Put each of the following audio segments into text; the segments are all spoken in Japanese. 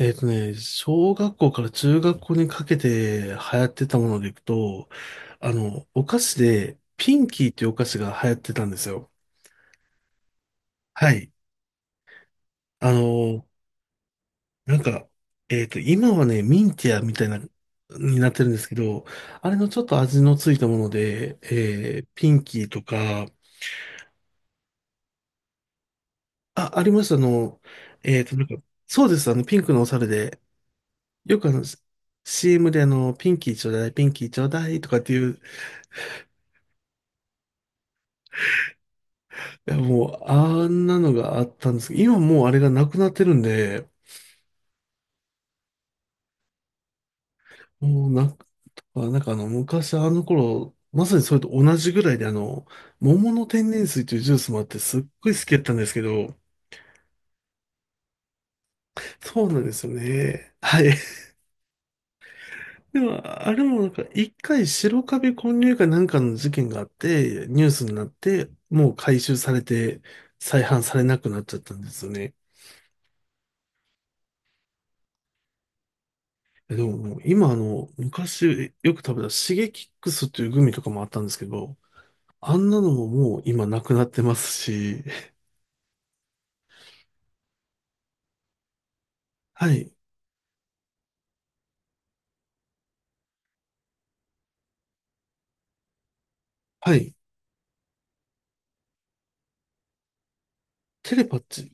小学校から中学校にかけて流行ってたものでいくと、お菓子で、ピンキーっていうお菓子が流行ってたんですよ。はい。あの、なんか、今はね、ミンティアみたいな、になってるんですけど、あれのちょっと味のついたもので、ピンキーとか、あ、ありました。えっと、なんか、そうです。ピンクのお猿で、よくCM で、ピンキーちょうだい、ピンキーちょうだいとかっていう。いや、もう、あんなのがあったんですけど、今もうあれがなくなってるんで、もうな、あなんかあの、昔あの頃、まさにそれと同じぐらいで、桃の天然水というジュースもあって、すっごい好きやったんですけど、そうなんですよね。はい。でも、あれもなんか、一回白カビ混入かなんかの事件があって、ニュースになって、もう回収されて、再販されなくなっちゃったんですよね。え、でも、もう今あの、昔よく食べたシゲキックスというグミとかもあったんですけど、あんなのももう今なくなってますし、はい、はい、テレパッチ、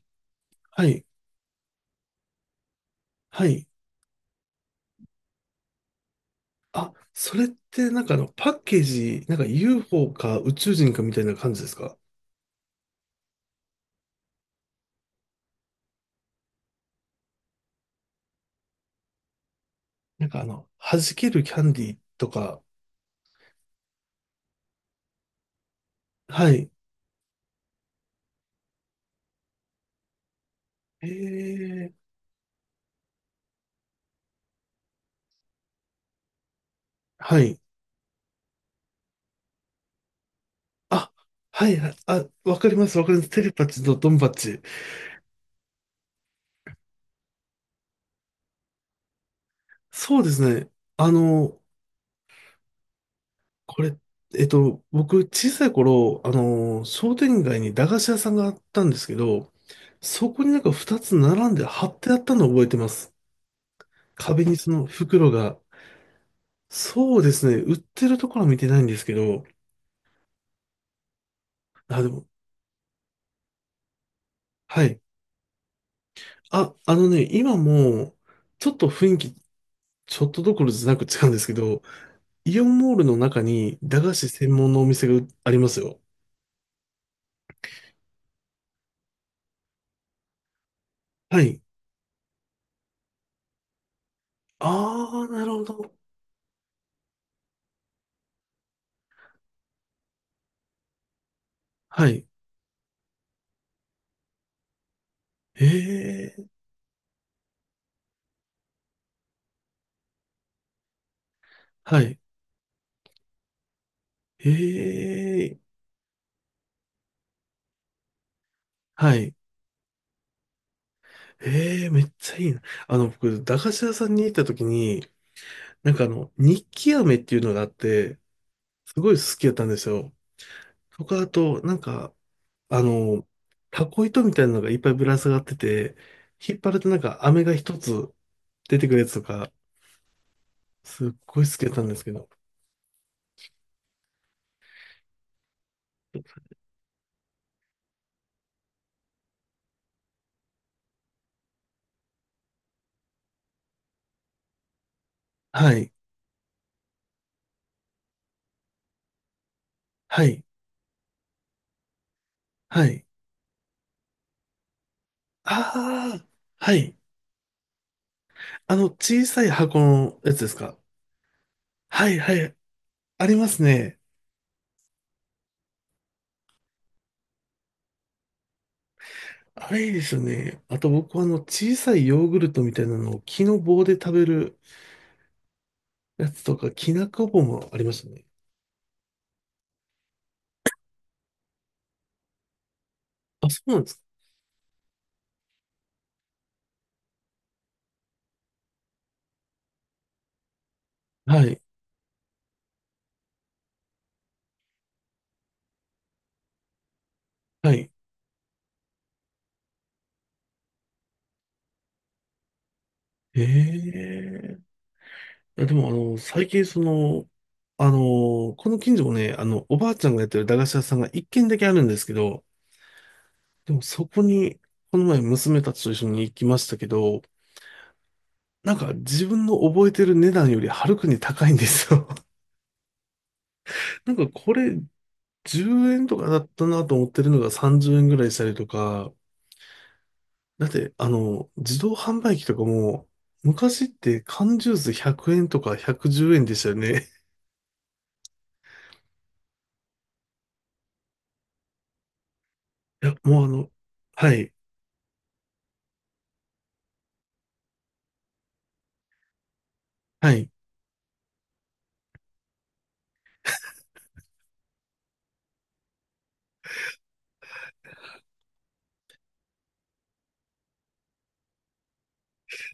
はい、はい。あ、それってなんかパッケージ、なんか UFO か宇宙人かみたいな感じですか？なんか弾けるキャンディーとか、はい、えー、はい、あ、はい、はい、あ、わかります、わかります。テレパッチとドンパッチ。そうですね。あの、これ、えっと、僕、小さい頃、商店街に駄菓子屋さんがあったんですけど、そこになんか2つ並んで貼ってあったのを覚えてます。壁にその袋が。そうですね、売ってるところは見てないんですけど、あ、でも、はい。あ、今も、ちょっと雰囲気、ちょっとどころじゃなく違うんですけど、イオンモールの中に駄菓子専門のお店がありますよ。はい。あー、なるほど。はい。えー、はい。ええ、はい。ええ、めっちゃいいな。僕、駄菓子屋さんに行った時に、なんか日記飴っていうのがあって、すごい好きだったんですよ。とか、あと、なんか、あの、タコ糸みたいなのがいっぱいぶら下がってて、引っ張るとなんか飴が一つ出てくるやつとか、すっごい好きだったんですけど。はい、はい、はい。ああ、はい。小さい箱のやつですか？はい、はい。ありますね。あれいいですよね。あと僕はあの小さいヨーグルトみたいなのを木の棒で食べるやつとか、きなこ棒もありましたね。あ、そうなんですか。はい。はい。ええ、いや、でも最近その、この近所もね、おばあちゃんがやってる駄菓子屋さんが一軒だけあるんですけど、でもそこに、この前娘たちと一緒に行きましたけど、なんか自分の覚えてる値段よりはるかに高いんですよ。なんかこれ10円とかだったなと思ってるのが30円ぐらいしたりとか、だって、自動販売機とかも、昔って缶ジュース100円とか110円でしたよね。いや、もうあの、はい、はい。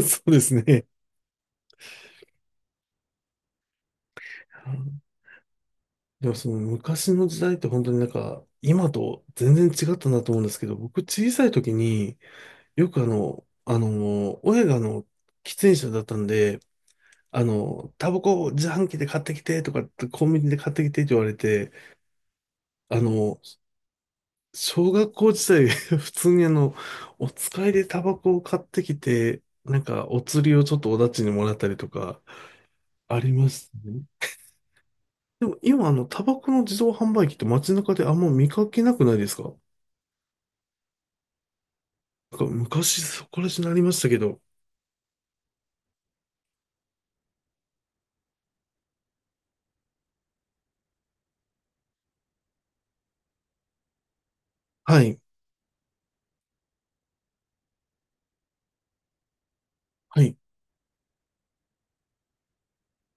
そうですね。でもその昔の時代って本当になんか今と全然違ったなと思うんですけど、僕小さい時によく親が喫煙者だったんで、タバコ自販機で買ってきてとか、コンビニで買ってきてって言われて、あの、小学校時代、普通にお使いでタバコを買ってきて、なんか、お釣りをちょっとおだちにもらったりとか、ありましたね。でも今、タバコの自動販売機って街中であんま見かけなくないですか？なんか昔そこら辺になりましたけど。はい、はい。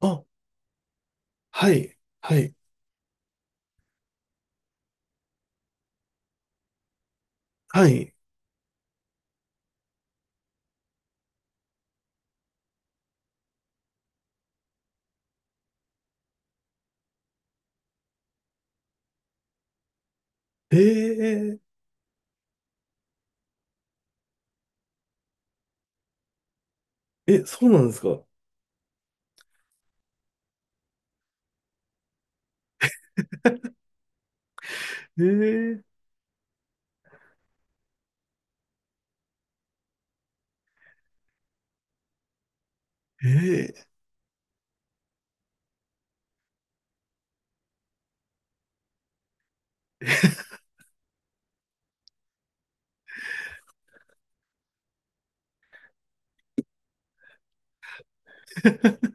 あ、はい、はい、はい。えー、え、そうなんですか？えー、えー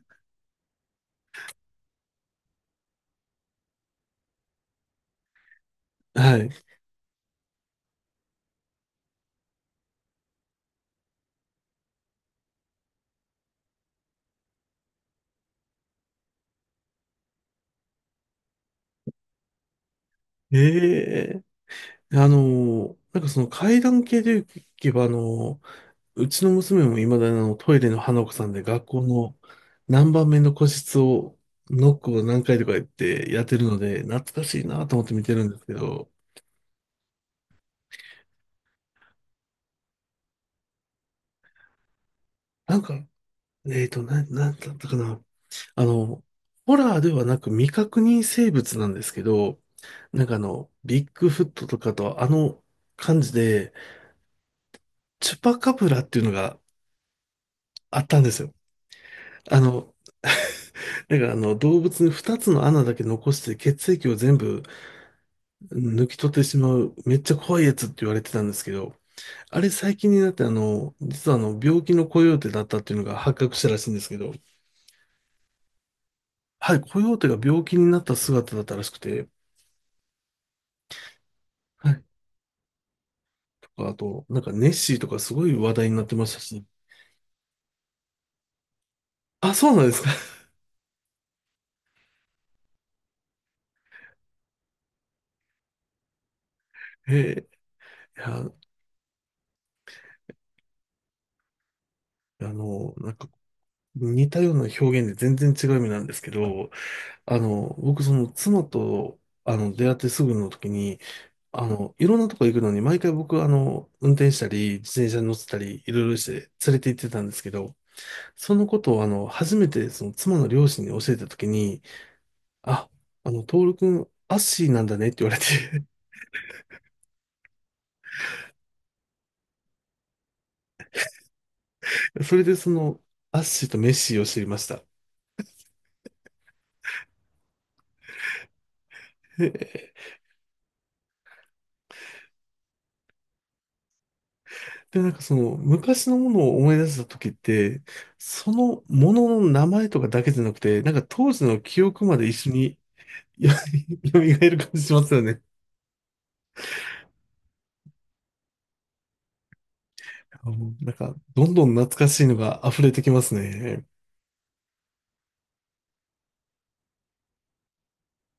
はい。ええ、あの、なんかその階段系で言えば、うちの娘も未だにあのトイレの花子さんで学校の何番目の個室をノックを何回とか言ってやってるので、懐かしいなと思って見てるんですけど、なんか、なんだったかな。あの、ホラーではなく未確認生物なんですけど、なんかビッグフットとかと感じで、チュパカブラっていうのがあったんですよ。あの、だからあの動物に2つの穴だけ残して血液を全部抜き取ってしまうめっちゃ怖いやつって言われてたんですけど、あれ最近になって実はあの病気のコヨーテだったっていうのが発覚したらしいんですけど、はい、コヨーテが病気になった姿だったらしくて、はい、とかあと、なんかネッシーとかすごい話題になってましたし、あ、そうなんですか。えー、いや、あの、なんか似たような表現で全然違う意味なんですけど、僕その妻と出会ってすぐの時に、いろんなとこ行くのに、毎回僕、運転したり、自転車に乗ってたり、いろいろして連れて行ってたんですけど、そのことを、初めて、その、妻の両親に教えたときに、あ、トール君、アッシーなんだねって言われて それで、その、アッシーとメッシーを知りました。へえ。で、なんかその、昔のものを思い出したときって、そのものの名前とかだけじゃなくて、なんか当時の記憶まで一緒によ 蘇る感じしますよね。あ、もうなんか、どんどん懐かしいのが溢れてきますね。